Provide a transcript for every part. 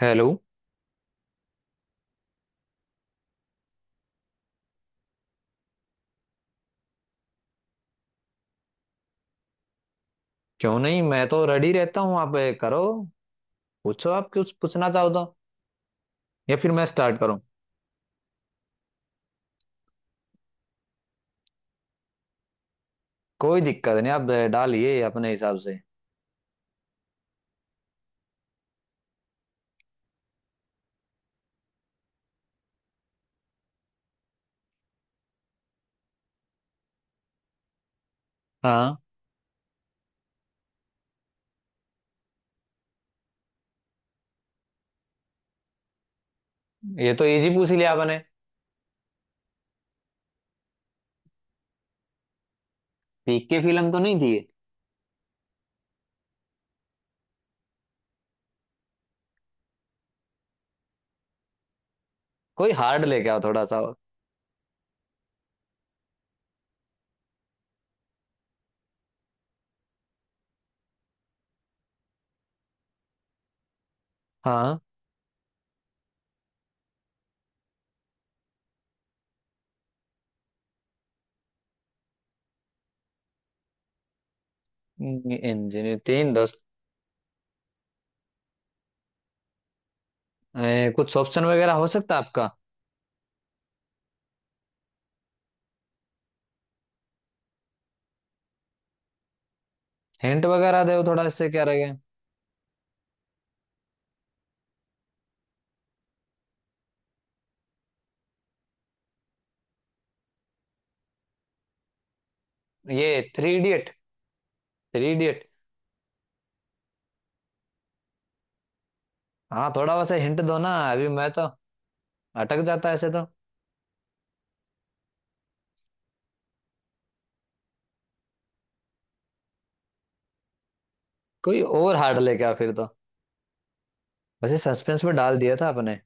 Hello. क्यों नहीं, मैं तो रेडी रहता हूँ। आप करो, पूछो। आप कुछ पूछना चाहो तो, या फिर मैं स्टार्ट करूँ। कोई दिक्कत नहीं, आप डालिए अपने हिसाब से। हाँ, ये तो इजी पूछ ही लिया आपने। पीक की फिल्म तो नहीं थी ये। कोई हार्ड लेके आओ थोड़ा सा और। हाँ, इंजीनियर तीन दोस्त। कुछ ऑप्शन वगैरह हो सकता है आपका? हिंट वगैरह दो थोड़ा, इससे क्या रहेगा। ये थ्री इडियट। Three idiot. हाँ, थोड़ा वैसे हिंट दो ना, अभी मैं तो अटक जाता ऐसे तो। कोई और हार्ड लेके आओ फिर तो। वैसे सस्पेंस में डाल दिया था अपने।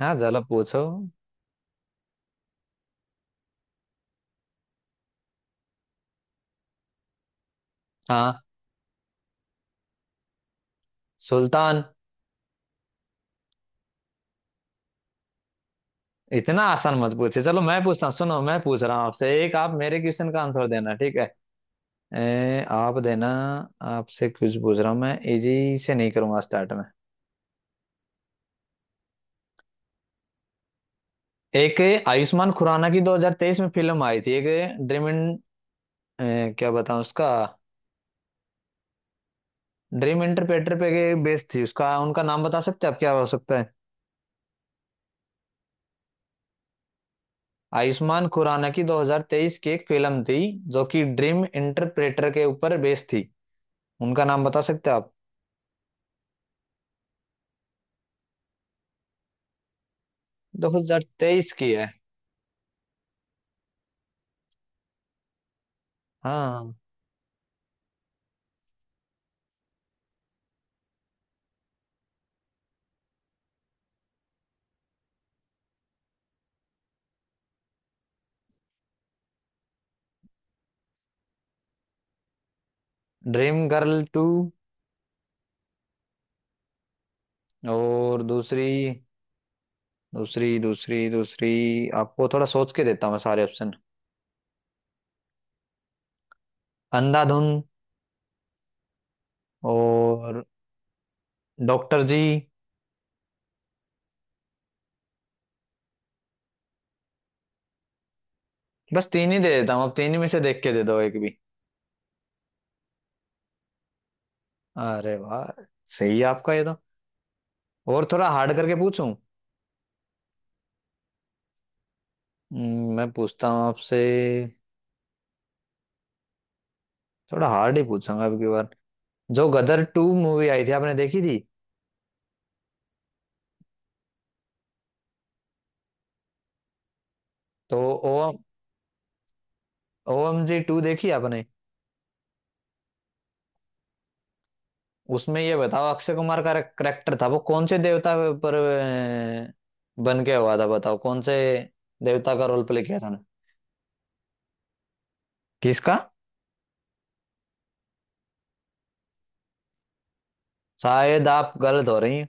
हाँ, चलो पूछो। हाँ, सुल्तान। इतना आसान मत पूछे। चलो, मैं पूछता हूँ। सुनो, मैं पूछ रहा हूँ आपसे एक, आप मेरे क्वेश्चन का आंसर देना, ठीक है? आप देना। आपसे कुछ पूछ रहा हूँ मैं, इजी से नहीं करूंगा स्टार्ट में। एक आयुष्मान खुराना की 2023 में फिल्म आई थी एक, ड्रीम इन क्या बताऊं उसका, ड्रीम इंटरप्रेटर पे बेस्ड थी उसका। उनका नाम बता सकते हैं आप, क्या हो सकता है? आयुष्मान खुराना की 2023 की एक फिल्म थी जो कि ड्रीम इंटरप्रेटर के ऊपर बेस्ड थी। उनका नाम बता सकते हो आप? 2023 की है। हाँ, ड्रीम गर्ल टू और दूसरी। दूसरी दूसरी, आपको थोड़ा सोच के देता हूँ मैं सारे ऑप्शन। अंधाधुन, और डॉक्टर जी। बस तीन ही दे देता हूँ, आप तीन ही में से देख के दे दो एक भी। अरे वाह, सही है आपका ये तो। और थोड़ा हार्ड करके पूछूं। मैं पूछता हूँ आपसे, थोड़ा हार्ड ही पूछूंगा अब की बार। जो गदर टू मूवी आई थी, आपने देखी थी? तो ओ, ओएम जी टू देखी आपने? उसमें ये बताओ, अक्षय कुमार का करेक्टर था वो कौन से देवता पर बन के हुआ था, बताओ कौन से देवता का रोल प्ले किया था ना। किसका? शायद आप गलत हो रही हैं।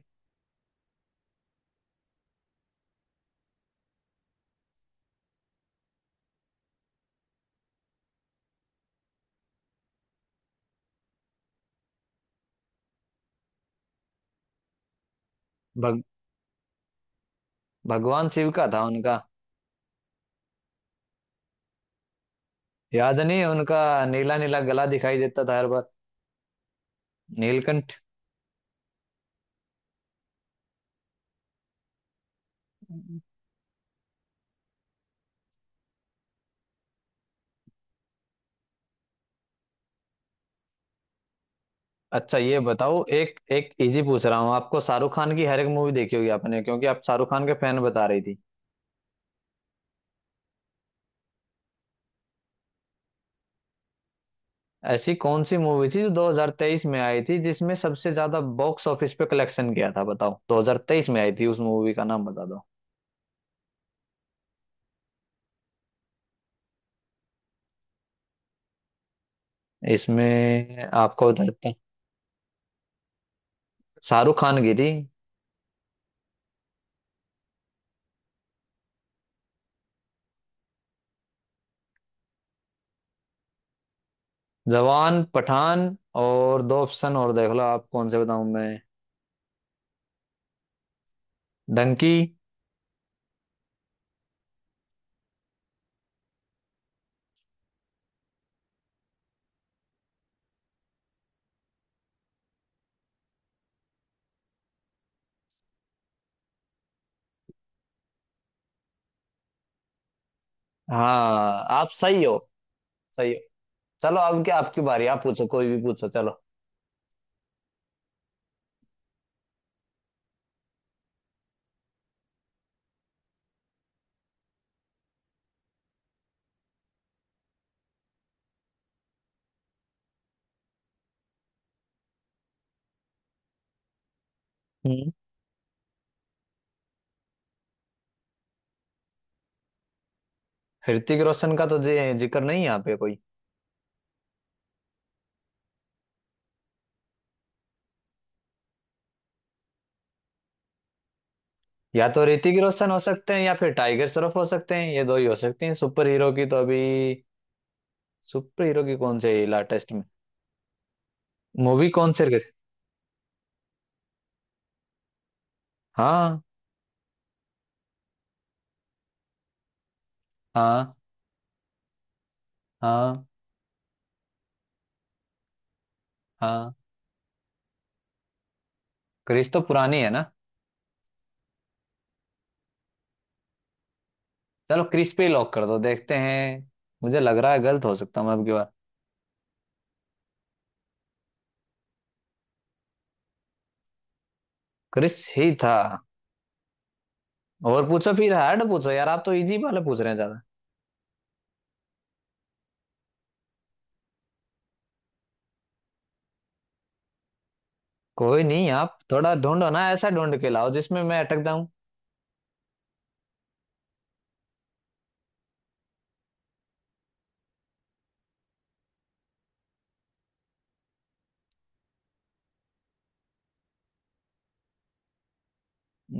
भग, भगवान शिव का था उनका। याद नहीं है उनका? नीला नीला गला दिखाई देता था हर बार। नीलकंठ। अच्छा ये बताओ, एक एक इजी पूछ रहा हूँ आपको। शाहरुख खान की हर एक मूवी देखी होगी आपने, क्योंकि आप शाहरुख खान के फैन बता रही थी। ऐसी कौन सी मूवी थी जो 2023 में आई थी जिसमें सबसे ज्यादा बॉक्स ऑफिस पे कलेक्शन किया था? बताओ, 2023 में आई थी, उस मूवी का नाम बता दो। इसमें आपको बता देता हूँ, शाहरुख खान की थी। जवान, पठान, और दो ऑप्शन और देख लो आप, कौन से बताऊं मैं। डंकी। हाँ, आप सही हो। सही हो। चलो अब क्या, आपकी बारी, आप पूछो, कोई भी पूछो, चलो। ऋतिक रोशन का तो जिक्र नहीं है यहाँ पे कोई? या तो ऋतिक रोशन हो सकते हैं या फिर टाइगर श्रॉफ हो सकते हैं, ये दो ही हो सकते हैं सुपर हीरो की तो अभी। सुपर हीरो की कौन सी लेटेस्ट में मूवी कौन सी हाँ। हाँ। हाँ। हाँ, क्रिस तो पुरानी है ना। चलो क्रिस पे ही लॉक कर दो, देखते हैं। मुझे लग रहा है गलत हो सकता हूँ अब की बार। क्रिस ही था। और पूछो फिर, हार्ड पूछो यार, आप तो इजी वाले पूछ रहे हैं ज्यादा। कोई नहीं, आप थोड़ा ढूंढो ना, ऐसा ढूंढ के लाओ जिसमें मैं अटक जाऊं।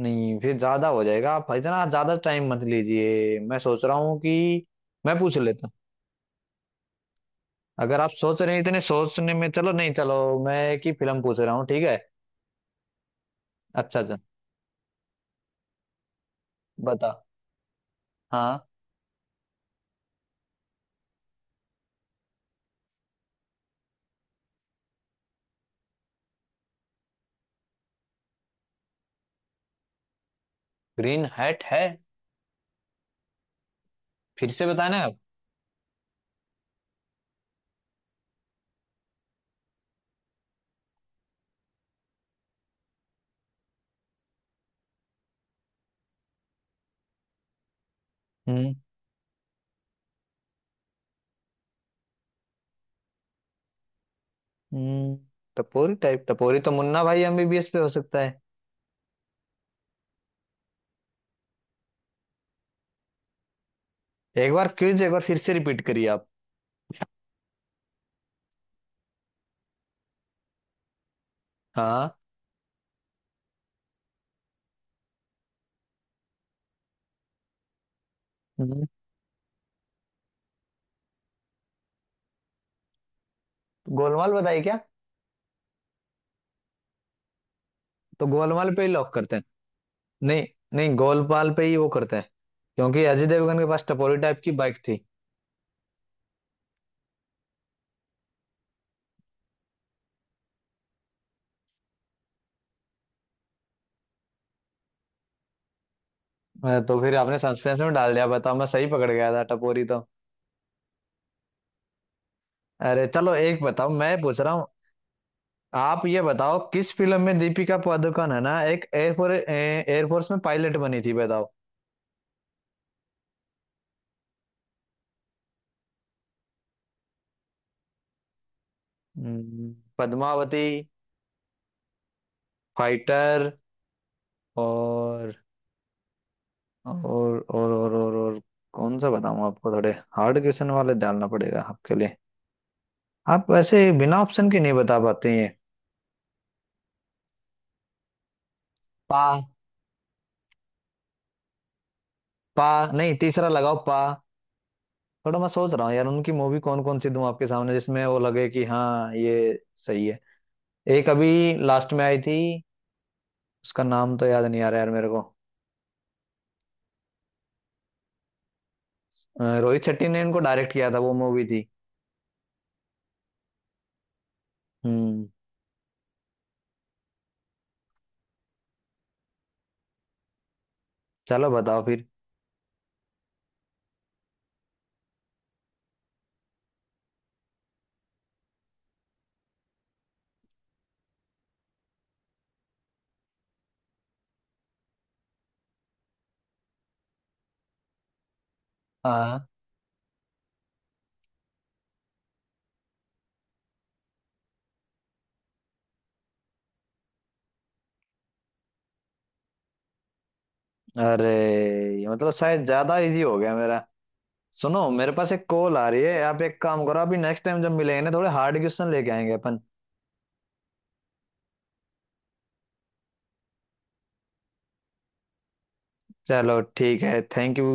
नहीं, फिर ज्यादा हो जाएगा, आप इतना ज्यादा टाइम मत लीजिए। मैं सोच रहा हूँ कि मैं पूछ लेता। अगर आप सोच रहे हैं इतने सोचने में, चलो नहीं, चलो मैं एक ही फिल्म पूछ रहा हूँ, ठीक है? अच्छा अच्छा, बता। हाँ, ग्रीन हैट है? फिर से बताना आप। हम्म हम्म। टपोरी टाइप, टपोरी तो मुन्ना भाई एमबीबीएस पे हो सकता है। एक बार क्विज एक बार फिर से रिपीट करिए आप। हाँ। हम्म, गोलमाल बताइए क्या। तो गोलमाल पे ही लॉक करते हैं। नहीं नहीं, गोलमाल पे ही वो करते हैं, क्योंकि अजय देवगन के पास टपोरी टाइप की बाइक थी। अरे तो फिर आपने सस्पेंस में डाल दिया, बताओ, मैं सही पकड़ गया था टपोरी तो। अरे चलो एक बताओ, मैं पूछ रहा हूँ। आप ये बताओ, किस फिल्म में दीपिका पादुकोण है ना एक एयरफोर्स, एयरफोर्स में पायलट बनी थी, बताओ। पद्मावती, फाइटर, और, और। कौन सा बताऊँ आपको, थोड़े हार्ड क्वेश्चन वाले डालना पड़ेगा आपके लिए। आप वैसे बिना ऑप्शन के नहीं बता पाते हैं। पा पा नहीं, तीसरा लगाओ, पा। थोड़ा मैं सोच रहा हूँ यार उनकी मूवी कौन कौन सी दूं आपके सामने जिसमें वो लगे कि हाँ ये सही है। एक अभी लास्ट में आई थी, उसका नाम तो याद नहीं आ रहा यार मेरे को। रोहित शेट्टी ने इनको डायरेक्ट किया था वो मूवी थी। हम्म। चलो बताओ फिर। हाँ। अरे ये मतलब शायद ज्यादा इजी हो गया मेरा। सुनो, मेरे पास एक कॉल आ रही है, आप एक काम करो, अभी नेक्स्ट टाइम जब मिलेंगे ना, थोड़े हार्ड क्वेश्चन लेके आएंगे अपन। चलो ठीक है, थैंक यू।